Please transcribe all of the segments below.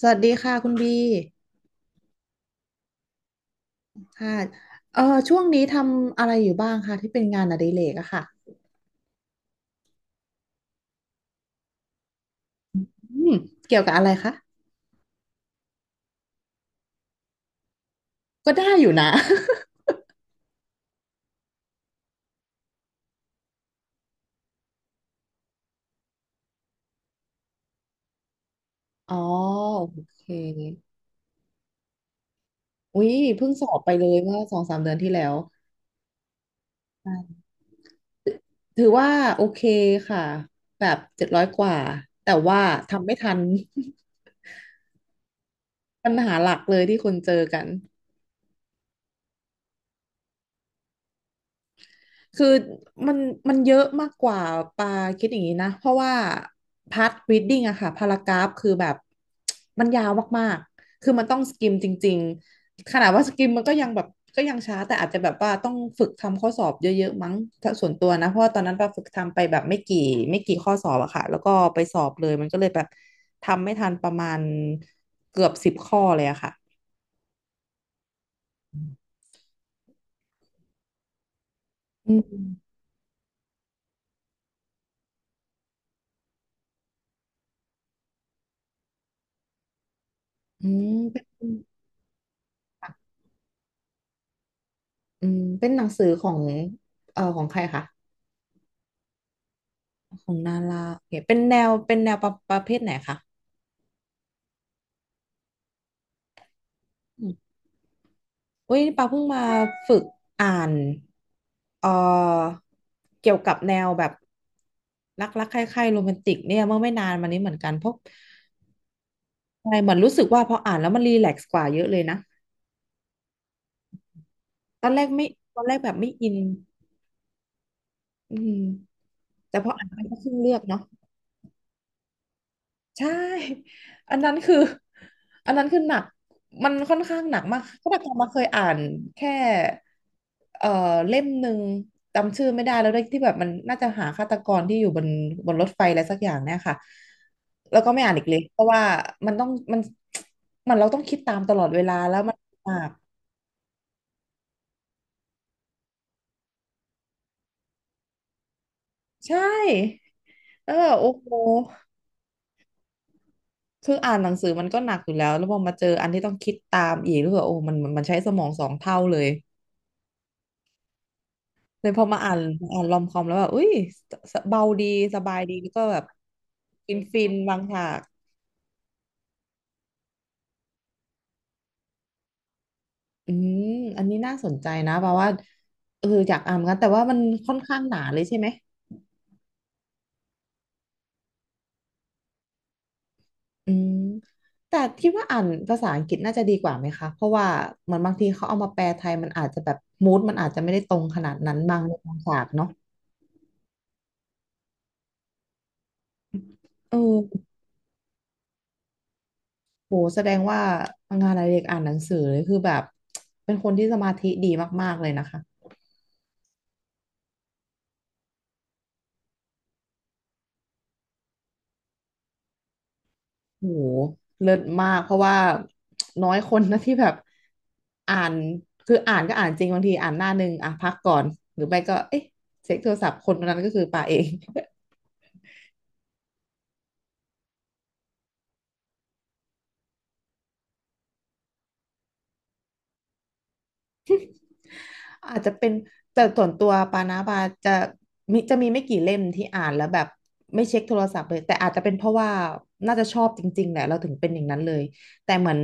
สวัสดีค่ะคุณบีค่ะเอ่อช่วงนี้ทำอะไรอยู่บ้างคะที่เป็นงานอดิเรกอะค่ะอืมเกี่ยวกับอะไรคะก็ได้อยู่นะ อ๋อโอเคอุ๊ยเพิ่งสอบไปเลยเมื่อสองสามเดือนที่แล้วใช่ถือว่าโอเคค่ะแบบ700กว่าแต่ว่าทำไม่ทัน ปัญหาหลักเลยที่คนเจอกัน คือมันมันเยอะมากกว่าปาคิดอย่างนี้นะเพราะว่าพาร์ทรีดดิ้งอะค่ะพารากราฟคือแบบมันยาวมากๆคือมันต้องสกิมจริงๆขนาดว่าสกิมมันก็ยังแบบก็ยังช้าแต่อาจจะแบบว่าต้องฝึกทำข้อสอบเยอะๆมั้งถ้าส่วนตัวนะเพราะว่าตอนนั้นปาฝึกทำไปแบบไม่กี่ข้อสอบอะค่ะแล้วก็ไปสอบเลยมันก็เลยแบบทำไม่ทันประมาณเกือบ10ข้อเลยอะค่ะอืมอืมเป็นเป็นหนังสือของของใครคะ ของนาราโอเคเป็นแนวประเภทไหนคะอืมอุ้ยปาเพิ่งมาฝึกอ่านเอ่อเกี่ยวกับแนวแบบรักใคร่ๆโรแมนติกเนี่ยเมื่อไม่นานมานี้เหมือนกันเพราะใช่เหมือนรู้สึกว่าพออ่านแล้วมันรีแลกซ์กว่าเยอะเลยนะตอนแรกไม่ตอนแรกแบบไม่อินอืมแต่พออ่านไปก็ขึ้นเลือกเนาะ ใช่ อันนั้นคือ อันนั้นคือหนักมันค่อนข้างหนักมากก็แบบมาเคยอ่านแค่เอ่อเล่มหนึ่งจำชื่อไม่ได้แล้วด้วยที่แบบมันน่าจะหาฆาตกรที่อยู่บนรถไฟอะไรสักอย่างเนี่ยค่ะแล้วก็ไม่อ่านอีกเลยเพราะว่ามันต้องมันมันเราต้องคิดตามตลอดเวลาแล้วมันหนักใช่แล้วแบบโอ้โหคืออ่านหนังสือมันก็หนักอยู่แล้วแล้วพอมาเจออันที่ต้องคิดตามอีกรู้สึกว่าโอ้มันใช้สมอง2 เท่าเลย เลยพอมาอ่านรอมคอมแล้วแบบอุ้ยสเบาดีสบายดีแล้วก็แบบฟินฟินบางฉากอืมอันนี้น่าสนใจนะเพราะว่าเอออยากอ่านเหมือนกันแต่ว่ามันค่อนข้างหนาเลยใช่ไหมอืมแต่คิดว่าอ่านภาษาอังกฤษน่าจะดีกว่าไหมคะเพราะว่าเหมือนบางทีเขาเอามาแปลไทยมันอาจจะแบบมูดมันอาจจะไม่ได้ตรงขนาดนั้นบางเรื่องบางฉากเนาะเออโหแสดงว่างานอดิเรกอ่านหนังสือเลยคือแบบเป็นคนที่สมาธิดีมากๆเลยนะคะ โหเลิศมากเพราะว่าน้อยคนนะที่แบบอ่านคืออ่านก็อ่านจริงบางทีอ่านหน้าหนึ่งอ่ะพักก่อนหรือไม่ก็เอ๊ะเช็คโทรศัพท์คนคนนั้นก็คือป่าเอง อาจจะเป็นแต่ส่วนตัวปานาบาจะจะมีไม่กี่เล่มที่อ่านแล้วแบบไม่เช็คโทรศัพท์เลยแต่อาจจะเป็นเพราะว่าน่าจะชอบจริงๆแหละเราถึงเป็นอย่างนั้นเลยแต่เหมือน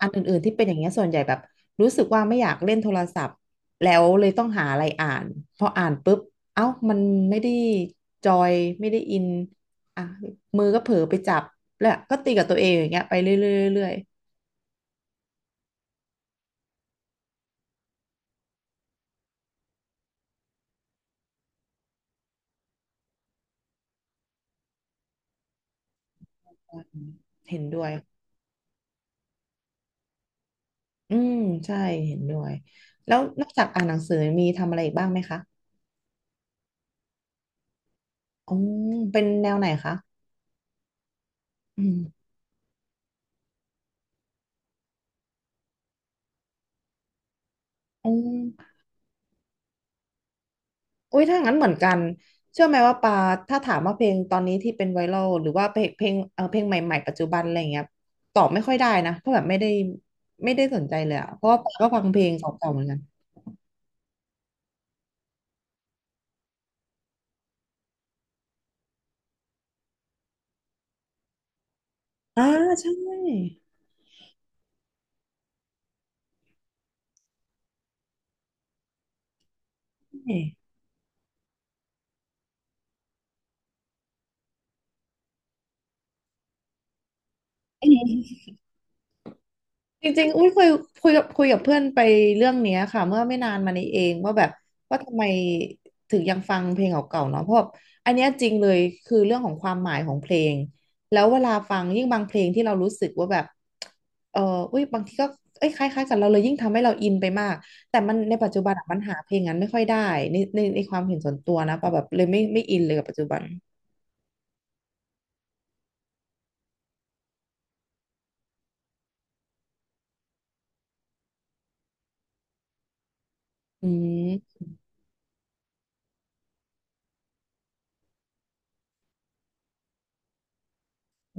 อันอื่นๆที่เป็นอย่างเงี้ยส่วนใหญ่แบบรู้สึกว่าไม่อยากเล่นโทรศัพท์แล้วเลยต้องหาอะไรอ่านพออ่านปุ๊บเอ้ามันไม่ได้จอยไม่ได้อินอ่ะมือก็เผลอไปจับแล้วก็ตีกับตัวเองอย่างเงี้ยไปเรื่อยๆเรื่อยๆเห็นด้วย อืมใช่เห็นด้วยแล้วนอกจากอ่านหนังสือมีทำอะไรอีกบ้างไหมคะอ๋อเป็นแนวไหนคะอืมอ๋ออุ้ยถ้างั้นเหมือนกันเชื่อไหมว่าปาถ้าถามว่าเพลงตอนนี้ที่เป็นไวรัลหรือว่าเพลงเพลงใหม่ๆปัจจุบันอะไรอย่างเงี้ยตอบไม่ค่อยได้นะเพราะแบบไม่ได้สนใจเลยอะเพราะว่าปาก็ฟังเพลงเก่าๆเหมือนกันอ่าใช่ใช่ จริงๆอุ้ยคุยกับเพื่อนไปเรื่องเนี้ยค่ะเมื่อไม่นานมานี้เองว่าแบบว่าทำไมถึงยังฟังเพลงเก่าๆเนาะเพราะแบบอันเนี้ยจริงเลยคือเรื่องของความหมายของเพลงแล้วเวลาฟังยิ่งบางเพลงที่เรารู้สึกว่าแบบเอออุ้ยบางทีก็เอ้ยคล้ายๆกันเราเลยยิ่งทำให้เราอินไปมากแต่มันในปัจจุบันอะมันหาเพลงนั้นไม่ค่อยได้ในในความเห็นส่วนตัวนะปะแบบเลยไม่อินเลยกับปัจจุบันอืม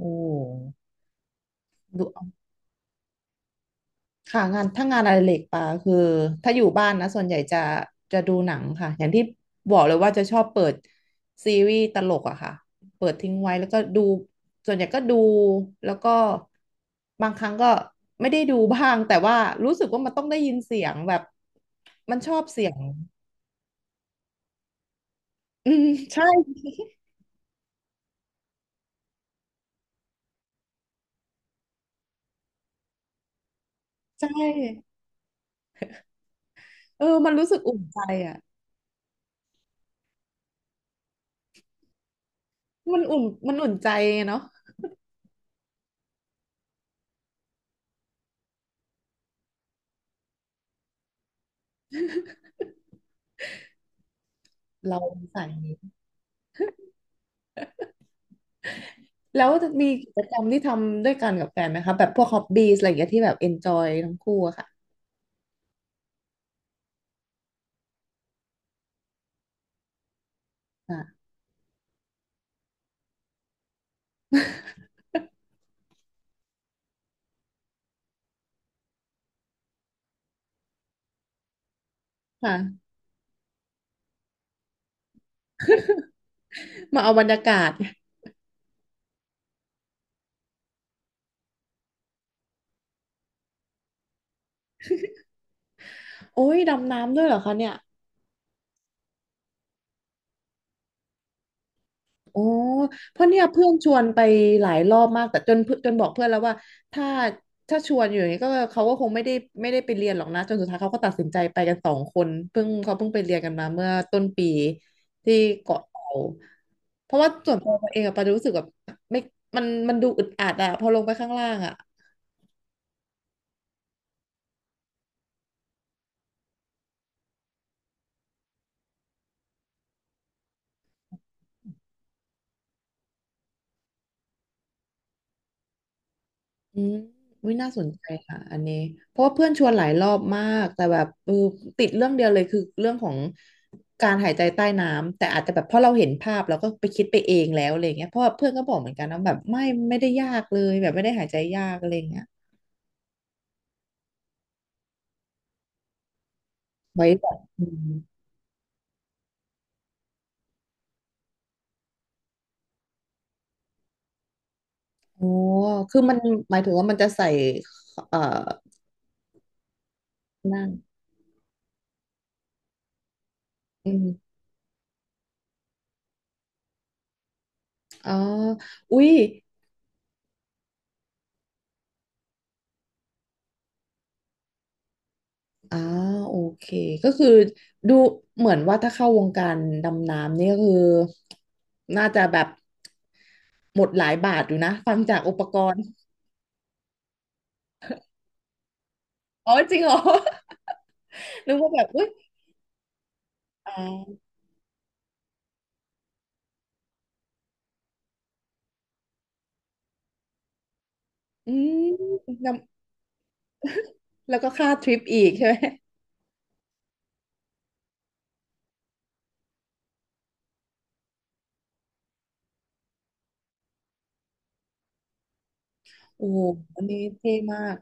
โอ้ ค่ะงานถ้างานอดิเรกปาคือถ้าอยู่บ้านนะส่วนใหญ่จะดูหนังค่ะอย่างที่บอกเลยว่าจะชอบเปิดซีรีส์ตลกอะค่ะเปิดทิ้งไว้แล้วก็ดูส่วนใหญ่ก็ดูแล้วก็บางครั้งก็ไม่ได้ดูบ้างแต่ว่ารู้สึกว่ามันต้องได้ยินเสียงแบบมันชอบเสียงอืมใช่ใช่เออมันรู้สึกอุ่นใจอะมันอุ่นมันอุ่นใจเนาะเราใส่ แล้วมีกิจกรรมที่ทำด้วยกันกับแฟนไหมคะแบบพวกฮอบบี้อะไรอย่างเงี้ยที่แบบเอนจอยทั้งคู่อะค่ะอ่าค่ะมาเอาบรรยากาศโอ้ยดำน้ำด้วยเหรอคะเนี่ยโอ้เพราะเนี่ยเพื่อนชวนไปหลายรอบมากแต่จนเพื่อนจนบอกเพื่อนแล้วว่าถ้าถ้าชวนอยู่อย่างนี้ก็เขาก็คงไม่ได้ไม่ได้ไปเรียนหรอกนะจนสุดท้ายเขาก็ตัดสินใจไปกันสองคนเพิ่งเขาเพิ่งไปเรียนกันมาเมื่อต้นปีที่เกาะเต่าเพราะว่าส่วนตัวเองอะปารู้สึกแบบไม่มันดูอึดอัดอะพอลงไปข้างล่างอะ อืมวิน่าสนใจค่ะอันนี้เพราะว่าเพื่อนชวนหลายรอบมากแต่แบบเออติดเรื่องเดียวเลยคือเรื่องของการหายใจใต้น้ำแต่อาจจะแบบเพราะเราเห็นภาพเราก็ไปคิดไปเองแล้วอะไรอย่างเงี้ยเพราะว่าเพื่อนก็บอกเหมือนกันนะแบบไม่ไม่ได้ยากเลยแบบไม่ได้หายใจยากอะไรอย่างเงี้ยไว้แบบอืมโอ้คือมันหมายถึงว่ามันจะใส่เอ่อนั่นอืมอ๋ออุ๊ย อ่าโอเคก็คือดูเหมือนว่าถ้าเข้าวงการดำน้ำเนี่ยก็คือน่าจะแบบหมดหลายบาทอยู่นะฟังจากอุปกรณ์อ๋อจริงเหรอ นึกว่าแบบอุ้ยอ่าอืมนำแล้วก็ค่าทริปอีกใช่ไหมโอ้โหอันนี้เท่มาก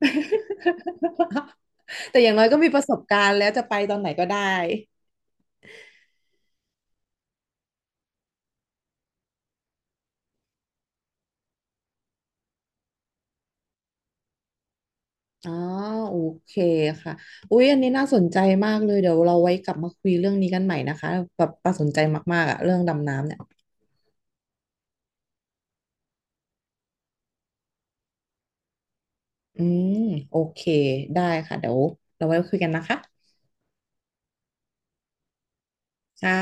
แต่อย่างน้อยก็มีประสบการณ์แล้วจะไปตอนไหนก็ได้ อ๋อโอเคค่ะอุ๊ยอันนี้น่าสนใจมากเลยเดี๋ยวเราไว้กลับมาคุยเรื่องนี้กันใหม่นะคะแบบประสนใจมากๆอะเรื่องดำน้ำเนี่ยอืมโอเคได้ค่ะเดี๋ยวเราไว้คุยกันนะคะค่ะ